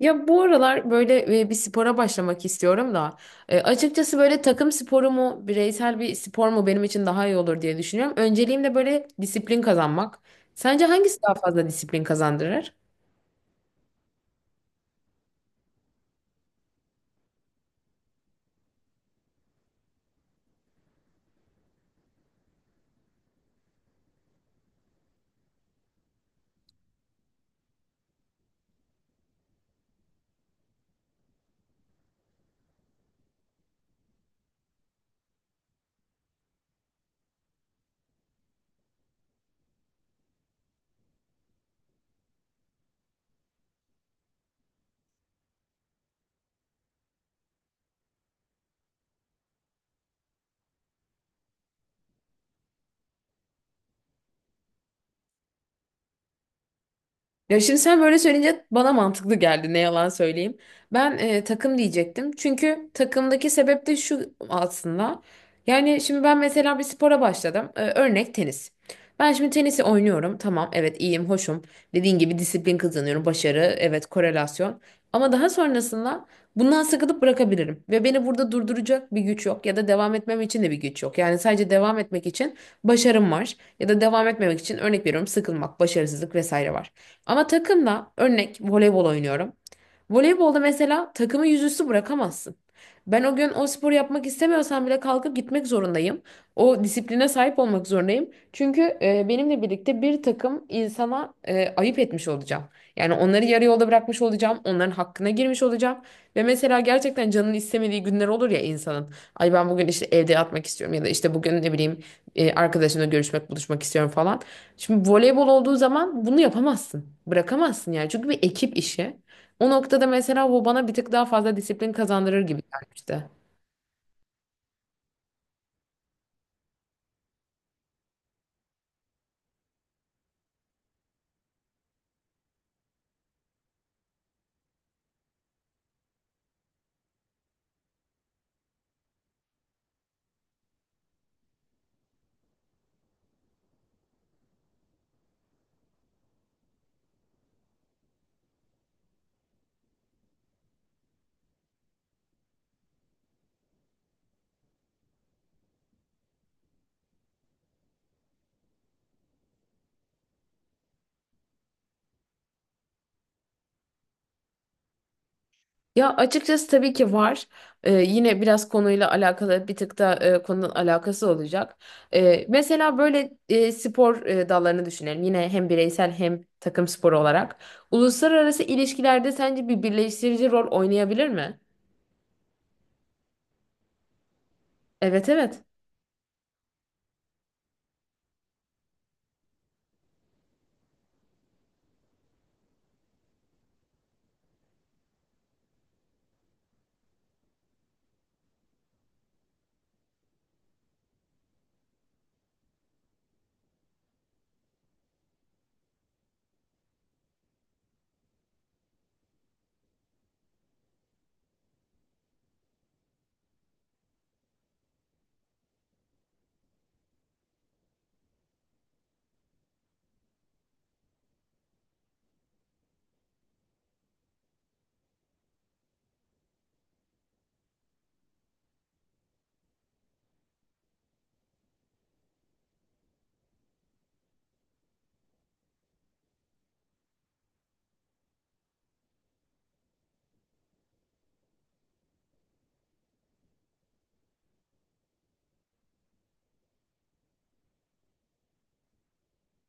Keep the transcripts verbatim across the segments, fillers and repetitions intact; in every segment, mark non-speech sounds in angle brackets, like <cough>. Ya bu aralar böyle e, bir spora başlamak istiyorum da e, açıkçası böyle takım sporu mu bireysel bir spor mu benim için daha iyi olur diye düşünüyorum. Önceliğim de böyle disiplin kazanmak. Sence hangisi daha fazla disiplin kazandırır? Ya şimdi sen böyle söyleyince bana mantıklı geldi, ne yalan söyleyeyim. Ben e, takım diyecektim. Çünkü takımdaki sebep de şu aslında. Yani şimdi ben mesela bir spora başladım. E, örnek tenis. Ben şimdi tenisi oynuyorum. Tamam, evet, iyiyim hoşum. Dediğin gibi disiplin kazanıyorum. Başarı, evet, korelasyon. Ama daha sonrasında bundan sıkılıp bırakabilirim. Ve beni burada durduracak bir güç yok. Ya da devam etmem için de bir güç yok. Yani sadece devam etmek için başarım var. Ya da devam etmemek için, örnek veriyorum, sıkılmak, başarısızlık vesaire var. Ama takımla örnek voleybol oynuyorum. Voleybolda mesela takımı yüzüstü bırakamazsın. Ben o gün o sporu yapmak istemiyorsam bile kalkıp gitmek zorundayım. O disipline sahip olmak zorundayım. Çünkü e, benimle birlikte bir takım insana e, ayıp etmiş olacağım. Yani onları yarı yolda bırakmış olacağım. Onların hakkına girmiş olacağım. Ve mesela gerçekten canın istemediği günler olur ya insanın. Ay, ben bugün işte evde yatmak istiyorum, ya da işte bugün, ne bileyim, e, arkadaşımla görüşmek, buluşmak istiyorum falan. Şimdi voleybol olduğu zaman bunu yapamazsın. Bırakamazsın yani. Çünkü bir ekip işi. O noktada mesela bu bana bir tık daha fazla disiplin kazandırır gibi gelmişti. Ya açıkçası tabii ki var. Ee, yine biraz konuyla alakalı bir tık da e, konunun alakası olacak. Ee, mesela böyle e, spor e, dallarını düşünelim. Yine hem bireysel hem takım sporu olarak. Uluslararası ilişkilerde sence bir birleştirici rol oynayabilir mi? Evet, evet.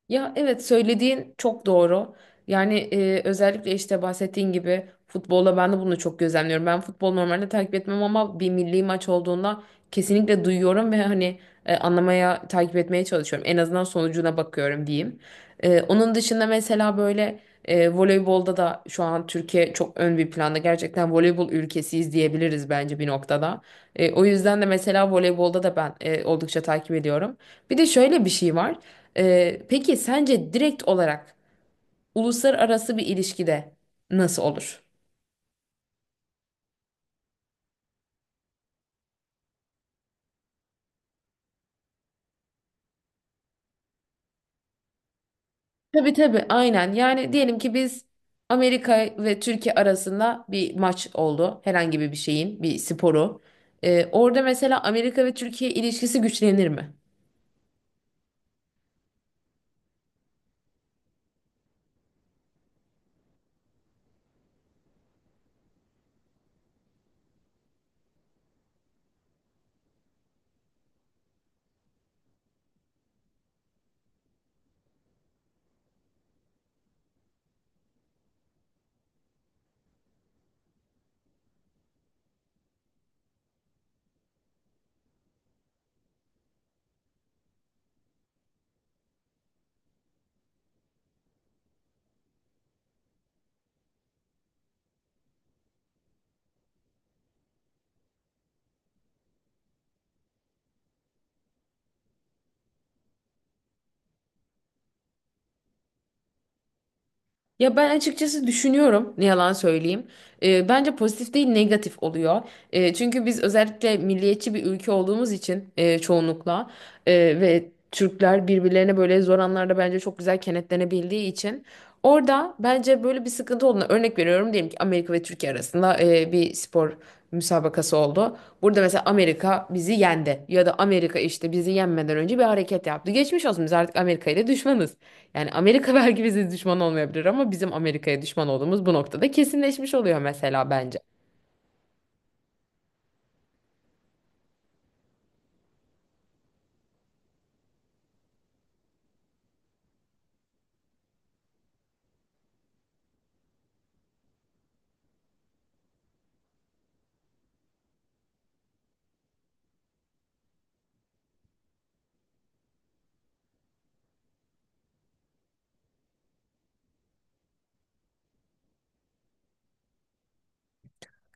Ya evet, söylediğin çok doğru. Yani e, özellikle işte bahsettiğin gibi futbolla ben de bunu çok gözlemliyorum. Ben futbol normalde takip etmem ama bir milli maç olduğunda kesinlikle duyuyorum ve hani e, anlamaya, takip etmeye çalışıyorum. En azından sonucuna bakıyorum diyeyim. E, onun dışında mesela böyle e, voleybolda da şu an Türkiye çok ön bir planda. Gerçekten voleybol ülkesiyiz diyebiliriz bence bir noktada. E, o yüzden de mesela voleybolda da ben e, oldukça takip ediyorum. Bir de şöyle bir şey var. Ee, peki sence direkt olarak uluslararası bir ilişkide nasıl olur? Tabii, tabii, aynen. Yani diyelim ki biz Amerika ve Türkiye arasında bir maç oldu. Herhangi bir bir şeyin, bir sporu. Ee, orada mesela Amerika ve Türkiye ilişkisi güçlenir mi? Ya ben açıkçası düşünüyorum, ne yalan söyleyeyim. Ee, bence pozitif değil negatif oluyor. Ee, çünkü biz özellikle milliyetçi bir ülke olduğumuz için e, çoğunlukla e, ve Türkler birbirlerine böyle zor anlarda bence çok güzel kenetlenebildiği için orada bence böyle bir sıkıntı olduğuna örnek veriyorum. Diyelim ki Amerika ve Türkiye arasında e, bir spor müsabakası oldu. Burada mesela Amerika bizi yendi ya da Amerika işte bizi yenmeden önce bir hareket yaptı. Geçmiş olsun, biz artık Amerika ile düşmanız. Yani Amerika <laughs> belki bize düşman olmayabilir ama bizim Amerika'ya düşman olduğumuz bu noktada kesinleşmiş oluyor mesela bence.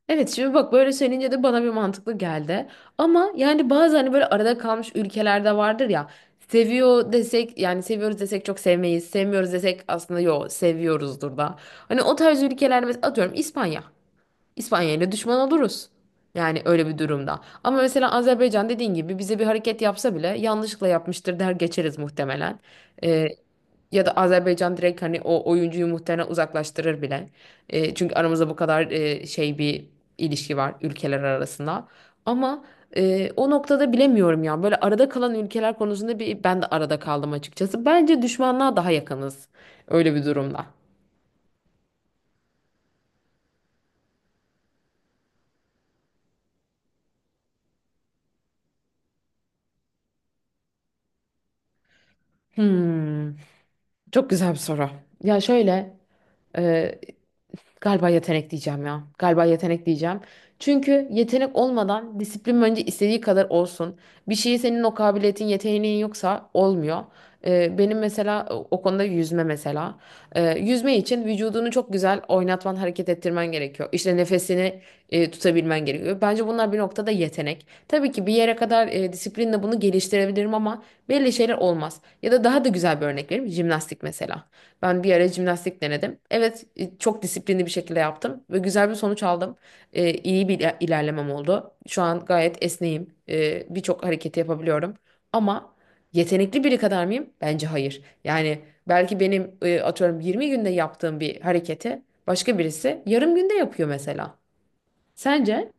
Evet, şimdi bak böyle söyleyince de bana bir mantıklı geldi. Ama yani bazı, hani, böyle arada kalmış ülkelerde vardır ya. Seviyor desek, yani seviyoruz desek çok sevmeyiz. Sevmiyoruz desek aslında yo seviyoruzdur da. Hani o tarz ülkelerde mesela, atıyorum, İspanya. İspanya ile düşman oluruz. Yani öyle bir durumda. Ama mesela Azerbaycan dediğin gibi bize bir hareket yapsa bile yanlışlıkla yapmıştır der geçeriz muhtemelen. Ee, Ya da Azerbaycan direkt hani o oyuncuyu muhtemelen uzaklaştırır bile. E, çünkü aramızda bu kadar e, şey bir ilişki var ülkeler arasında. Ama e, o noktada bilemiyorum ya. Böyle arada kalan ülkeler konusunda bir ben de arada kaldım açıkçası. Bence düşmanlığa daha yakınız öyle bir durumda. Hmm, çok güzel bir soru. Ya şöyle, e, galiba yetenek diyeceğim ya. Galiba yetenek diyeceğim. Çünkü yetenek olmadan disiplin bence istediği kadar olsun. Bir şeyi senin o kabiliyetin, yeteneğin yoksa olmuyor. Ee, benim mesela o o konuda yüzme mesela. Ee, yüzme için vücudunu çok güzel oynatman, hareket ettirmen gerekiyor. İşte nefesini e, tutabilmen gerekiyor. Bence bunlar bir noktada yetenek. Tabii ki bir yere kadar e, disiplinle bunu geliştirebilirim ama belli şeyler olmaz. Ya da daha da güzel bir örnek vereyim. Jimnastik mesela. Ben bir ara jimnastik denedim. Evet, e, çok disiplinli bir şekilde yaptım ve güzel bir sonuç aldım. E, iyi bir iler- ilerlemem oldu. Şu an gayet esneyim. E, birçok hareketi yapabiliyorum. Ama yetenekli biri kadar mıyım? Bence hayır. Yani belki benim, e, atıyorum, yirmi günde yaptığım bir hareketi başka birisi yarım günde yapıyor mesela. Sence?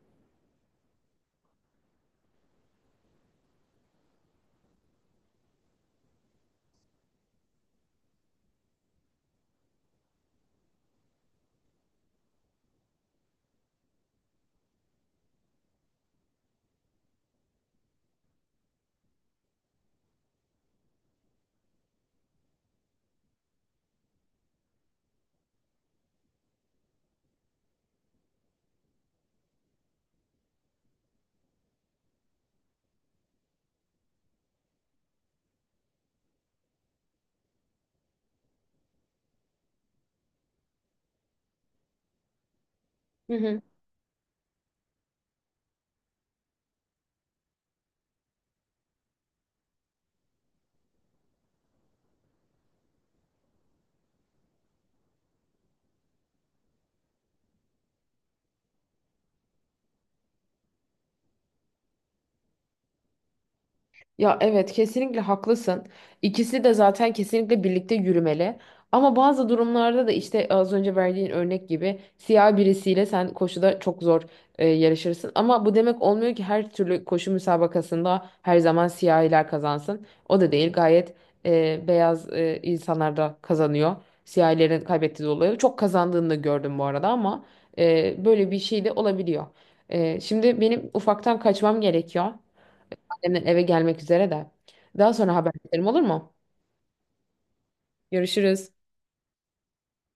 Ya evet, kesinlikle haklısın. İkisi de zaten kesinlikle birlikte yürümeli. Ama bazı durumlarda da işte az önce verdiğin örnek gibi siyah birisiyle sen koşuda çok zor e, yarışırsın. Ama bu demek olmuyor ki her türlü koşu müsabakasında her zaman siyahiler kazansın. O da değil, gayet e, beyaz e, insanlar da kazanıyor. Siyahilerin kaybettiği dolayı çok kazandığını da gördüm bu arada ama e, böyle bir şey de olabiliyor. E, şimdi benim ufaktan kaçmam gerekiyor. Annemler eve gelmek üzere de. Daha sonra haber ederim, olur mu? Görüşürüz.